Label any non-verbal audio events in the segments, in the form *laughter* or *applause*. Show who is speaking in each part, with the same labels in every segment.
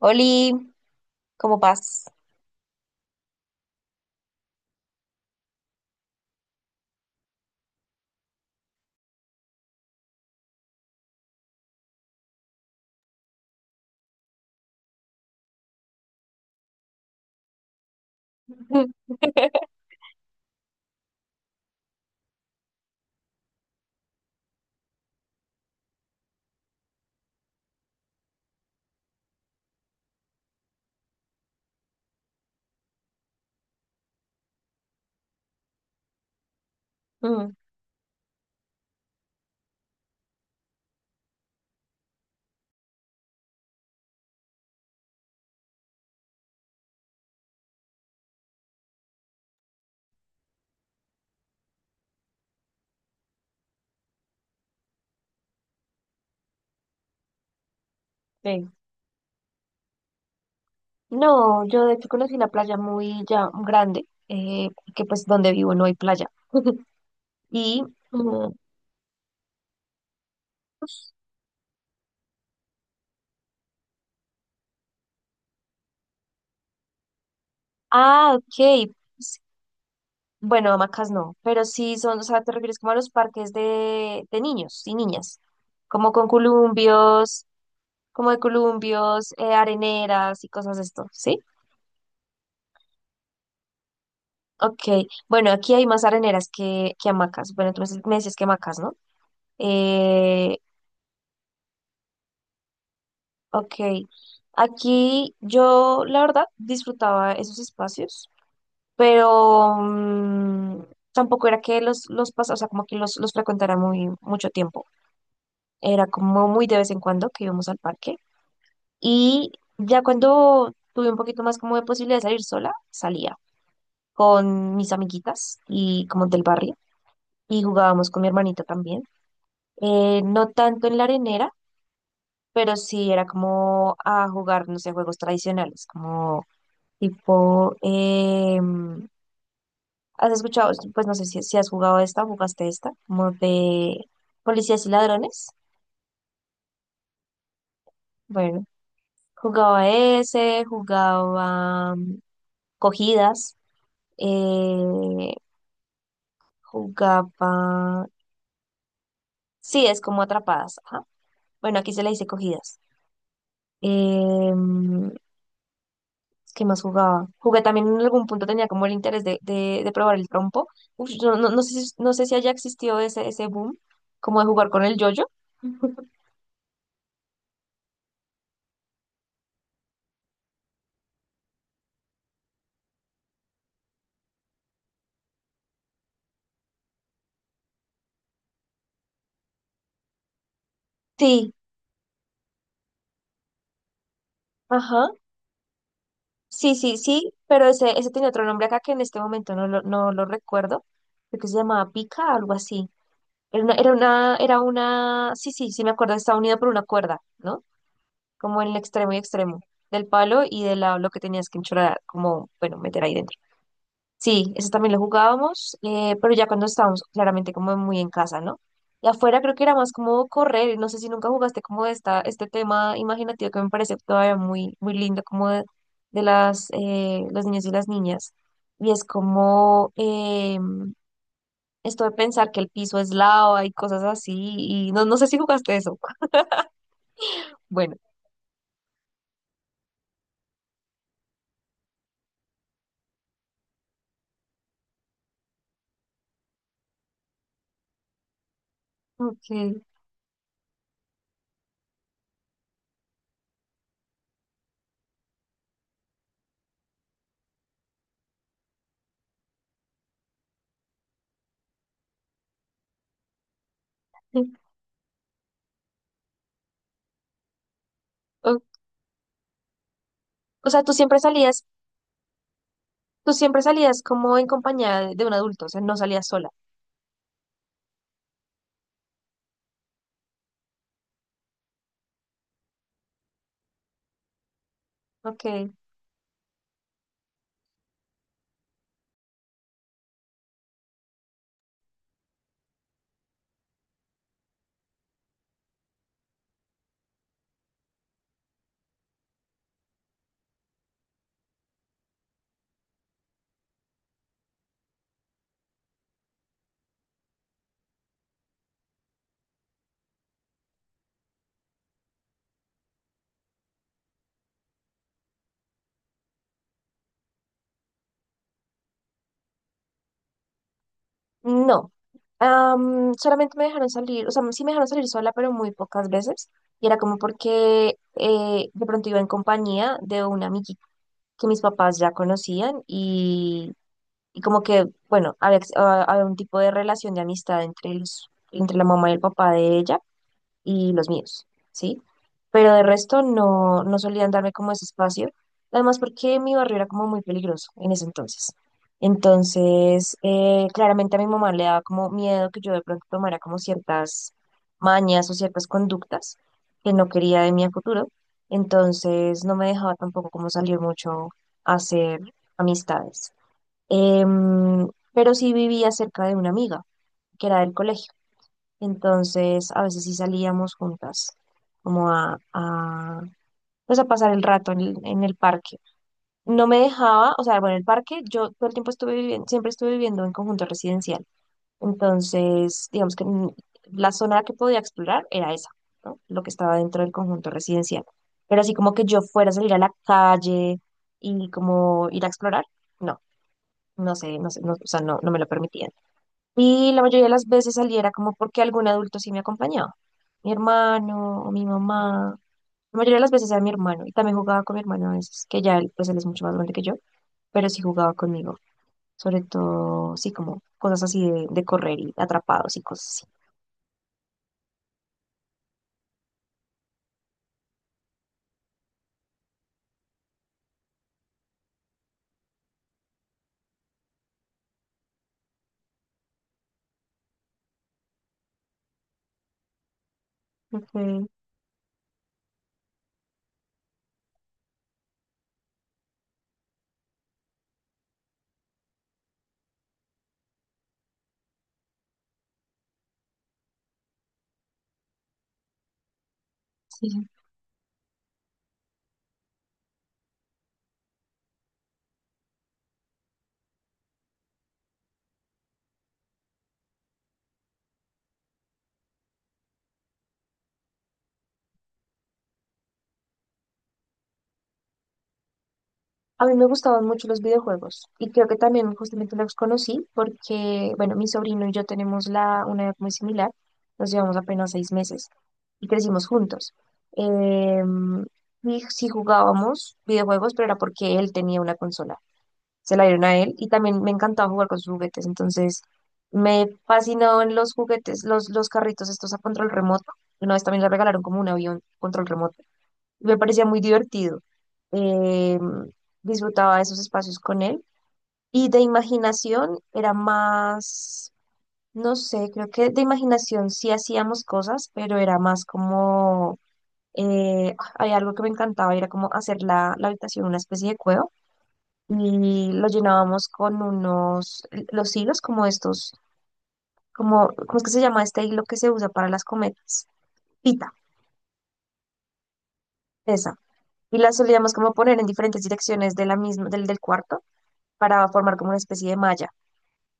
Speaker 1: Oli, ¿cómo vas? *laughs* Mm, sí. No, yo de hecho conocí una playa muy ya grande, que pues donde vivo no hay playa. *laughs* Y, mm, ok. pues, Bueno, hamacas no, pero sí son, o sea, te refieres como a los parques de niños y niñas, como con columpios, como de columpios, areneras y cosas de esto, ¿sí? Ok, bueno, aquí hay más areneras que hamacas. Bueno, entonces me decías que hamacas, ¿no? Eh, Ok, aquí yo la verdad disfrutaba esos espacios, pero tampoco era que o sea, como que los frecuentara muy mucho tiempo. Era como muy de vez en cuando que íbamos al parque. Y ya cuando tuve un poquito más como de posibilidad de salir sola, salía con mis amiguitas y como del barrio y jugábamos con mi hermanito también. No tanto en la arenera, pero sí era como a jugar, no sé, juegos tradicionales, como Tipo, eh, ¿has escuchado? Pues no sé si has jugado esta o jugaste esta, como de policías y ladrones. Bueno, jugaba ese, jugaba cogidas, eh, jugaba. Sí, es como atrapadas. Ajá. Bueno, aquí se le dice cogidas. Em, ¿Qué más jugaba? Jugué también en algún punto, tenía como el interés de probar el trompo. Uf, yo no, no sé si, no sé si haya existido ese boom, como de jugar con el yoyo. Sí, ajá. Sí, sí, sí, pero ese tenía otro nombre acá que en este momento no lo recuerdo, creo que se llamaba pica, algo así. Era una, sí, sí, sí me acuerdo, estaba unido por una cuerda, ¿no? Como en el extremo y extremo del palo y de la, lo que tenías que enchorar, como, bueno, meter ahí dentro. Sí, eso también lo jugábamos, pero ya cuando estábamos claramente como muy en casa, ¿no? Y afuera creo que era más como correr, no sé si nunca jugaste como este tema imaginativo que me parece todavía muy, muy lindo, como de, los niños y las niñas. Y es como esto de pensar que el piso es lava y cosas así, y no, no sé si jugaste eso. *laughs* Bueno, ok. O, o sea, tú siempre salías como en compañía de un adulto, o sea, no salías sola. Ok. No, Am, solamente me dejaron salir, o sea, sí me dejaron salir sola, pero muy pocas veces. Y era como porque de pronto iba en compañía de una amiguita que mis papás ya conocían y como que, bueno, había un tipo de relación de amistad entre los, entre la mamá y el papá de ella y los míos, ¿sí? Pero de resto no, no solían darme como ese espacio, además porque mi barrio era como muy peligroso en ese entonces. Entonces, claramente a mi mamá le daba como miedo que yo de pronto tomara como ciertas mañas o ciertas conductas que no quería de mí a futuro. Entonces, no me dejaba tampoco como salir mucho a hacer amistades. Em, pero sí vivía cerca de una amiga que era del colegio. Entonces, a veces sí salíamos juntas, como pues a pasar el rato en en el parque. No me dejaba, o sea, bueno, el parque, yo todo el tiempo estuve viviendo, siempre estuve viviendo en conjunto residencial. Entonces, digamos que la zona que podía explorar era esa, ¿no? Lo que estaba dentro del conjunto residencial. Pero así como que yo fuera a salir a la calle y como ir a explorar, no, no sé, no sé, no, o sea, no, no me lo permitían. Y la mayoría de las veces salía era como porque algún adulto sí me acompañaba. Mi hermano o mi mamá. La mayoría de las veces era mi hermano. Y también jugaba con mi hermano a veces, que ya él, pues él es mucho más grande que yo, pero sí jugaba conmigo. Sobre todo, sí, como cosas así de correr y atrapados y cosas así. Ok, sí, a mí me gustaban mucho los videojuegos y creo que también justamente los conocí porque, bueno, mi sobrino y yo tenemos una edad muy similar, nos llevamos apenas 6 meses y crecimos juntos. Em, y sí jugábamos videojuegos, pero era porque él tenía una consola, se la dieron a él y también me encantaba jugar con sus juguetes, entonces me fascinaban los juguetes, los carritos estos a control remoto. Una vez también le regalaron como un avión control remoto. Me parecía muy divertido. Eh, disfrutaba de esos espacios con él. Y de imaginación era más, no sé, creo que de imaginación sí hacíamos cosas, pero era más como, había algo que me encantaba, era como hacer la habitación una especie de cueva y lo llenábamos con unos, los hilos como estos, como, ¿cómo es que se llama este hilo que se usa para las cometas? Pita, esa. Y la solíamos como poner en diferentes direcciones de la misma, del cuarto para formar como una especie de malla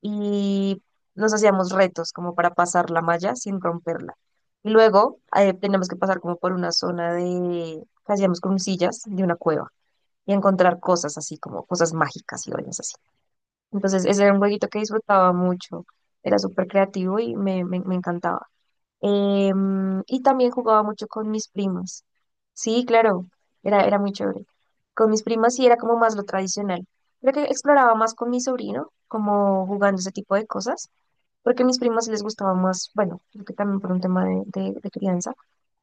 Speaker 1: y nos hacíamos retos como para pasar la malla sin romperla. Y luego teníamos que pasar como por una zona de, que hacíamos con sillas de una cueva y encontrar cosas así como cosas mágicas y vainas así. Entonces ese era un jueguito que disfrutaba mucho, era súper creativo y me encantaba. Y también jugaba mucho con mis primas. Sí, claro, era muy chévere. Con mis primas sí era como más lo tradicional. Creo que exploraba más con mi sobrino, como jugando ese tipo de cosas porque a mis primas les gustaba más, bueno, creo que también por un tema de, de crianza,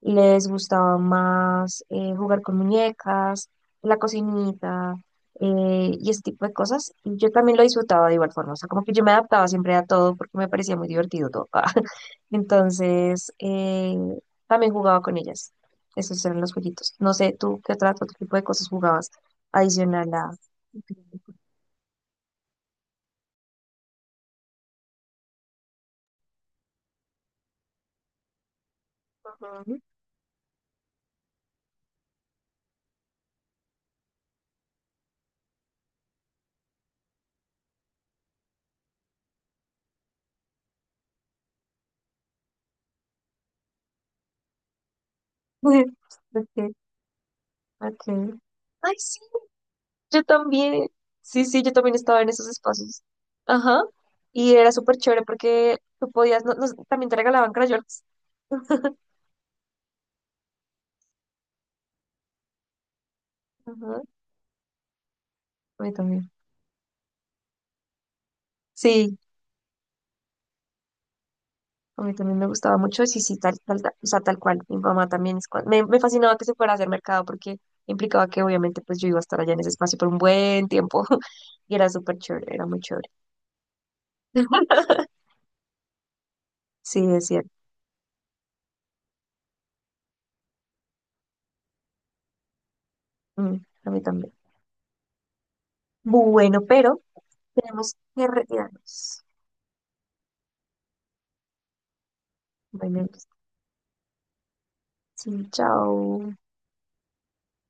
Speaker 1: les gustaba más jugar con muñecas, la cocinita y ese tipo de cosas. Y yo también lo disfrutaba de igual forma, o sea, como que yo me adaptaba siempre a todo porque me parecía muy divertido todo. *laughs* Entonces, también jugaba con ellas. Esos eran los jueguitos. No sé, tú qué otro, otro tipo de cosas jugabas adicional a... Ujú. *laughs* Ok, ok. Ay, sí, yo también, sí, sí, yo también estaba en esos espacios. Ajá. Y era súper chévere porque tú podías, también te regalaban crayolas. Ajá. A mí también. Sí, a mí también me gustaba mucho. Sí, sí, tal, tal, tal, o sea, tal cual. Mi mamá también es cual- Me fascinaba que se fuera a hacer mercado porque implicaba que obviamente pues yo iba a estar allá en ese espacio por un buen tiempo. *laughs* Y era súper chévere, era muy chévere. *laughs* Sí, es cierto. Mm, a mí también. Bueno, pero tenemos que retirarnos. Bueno, sí, chao.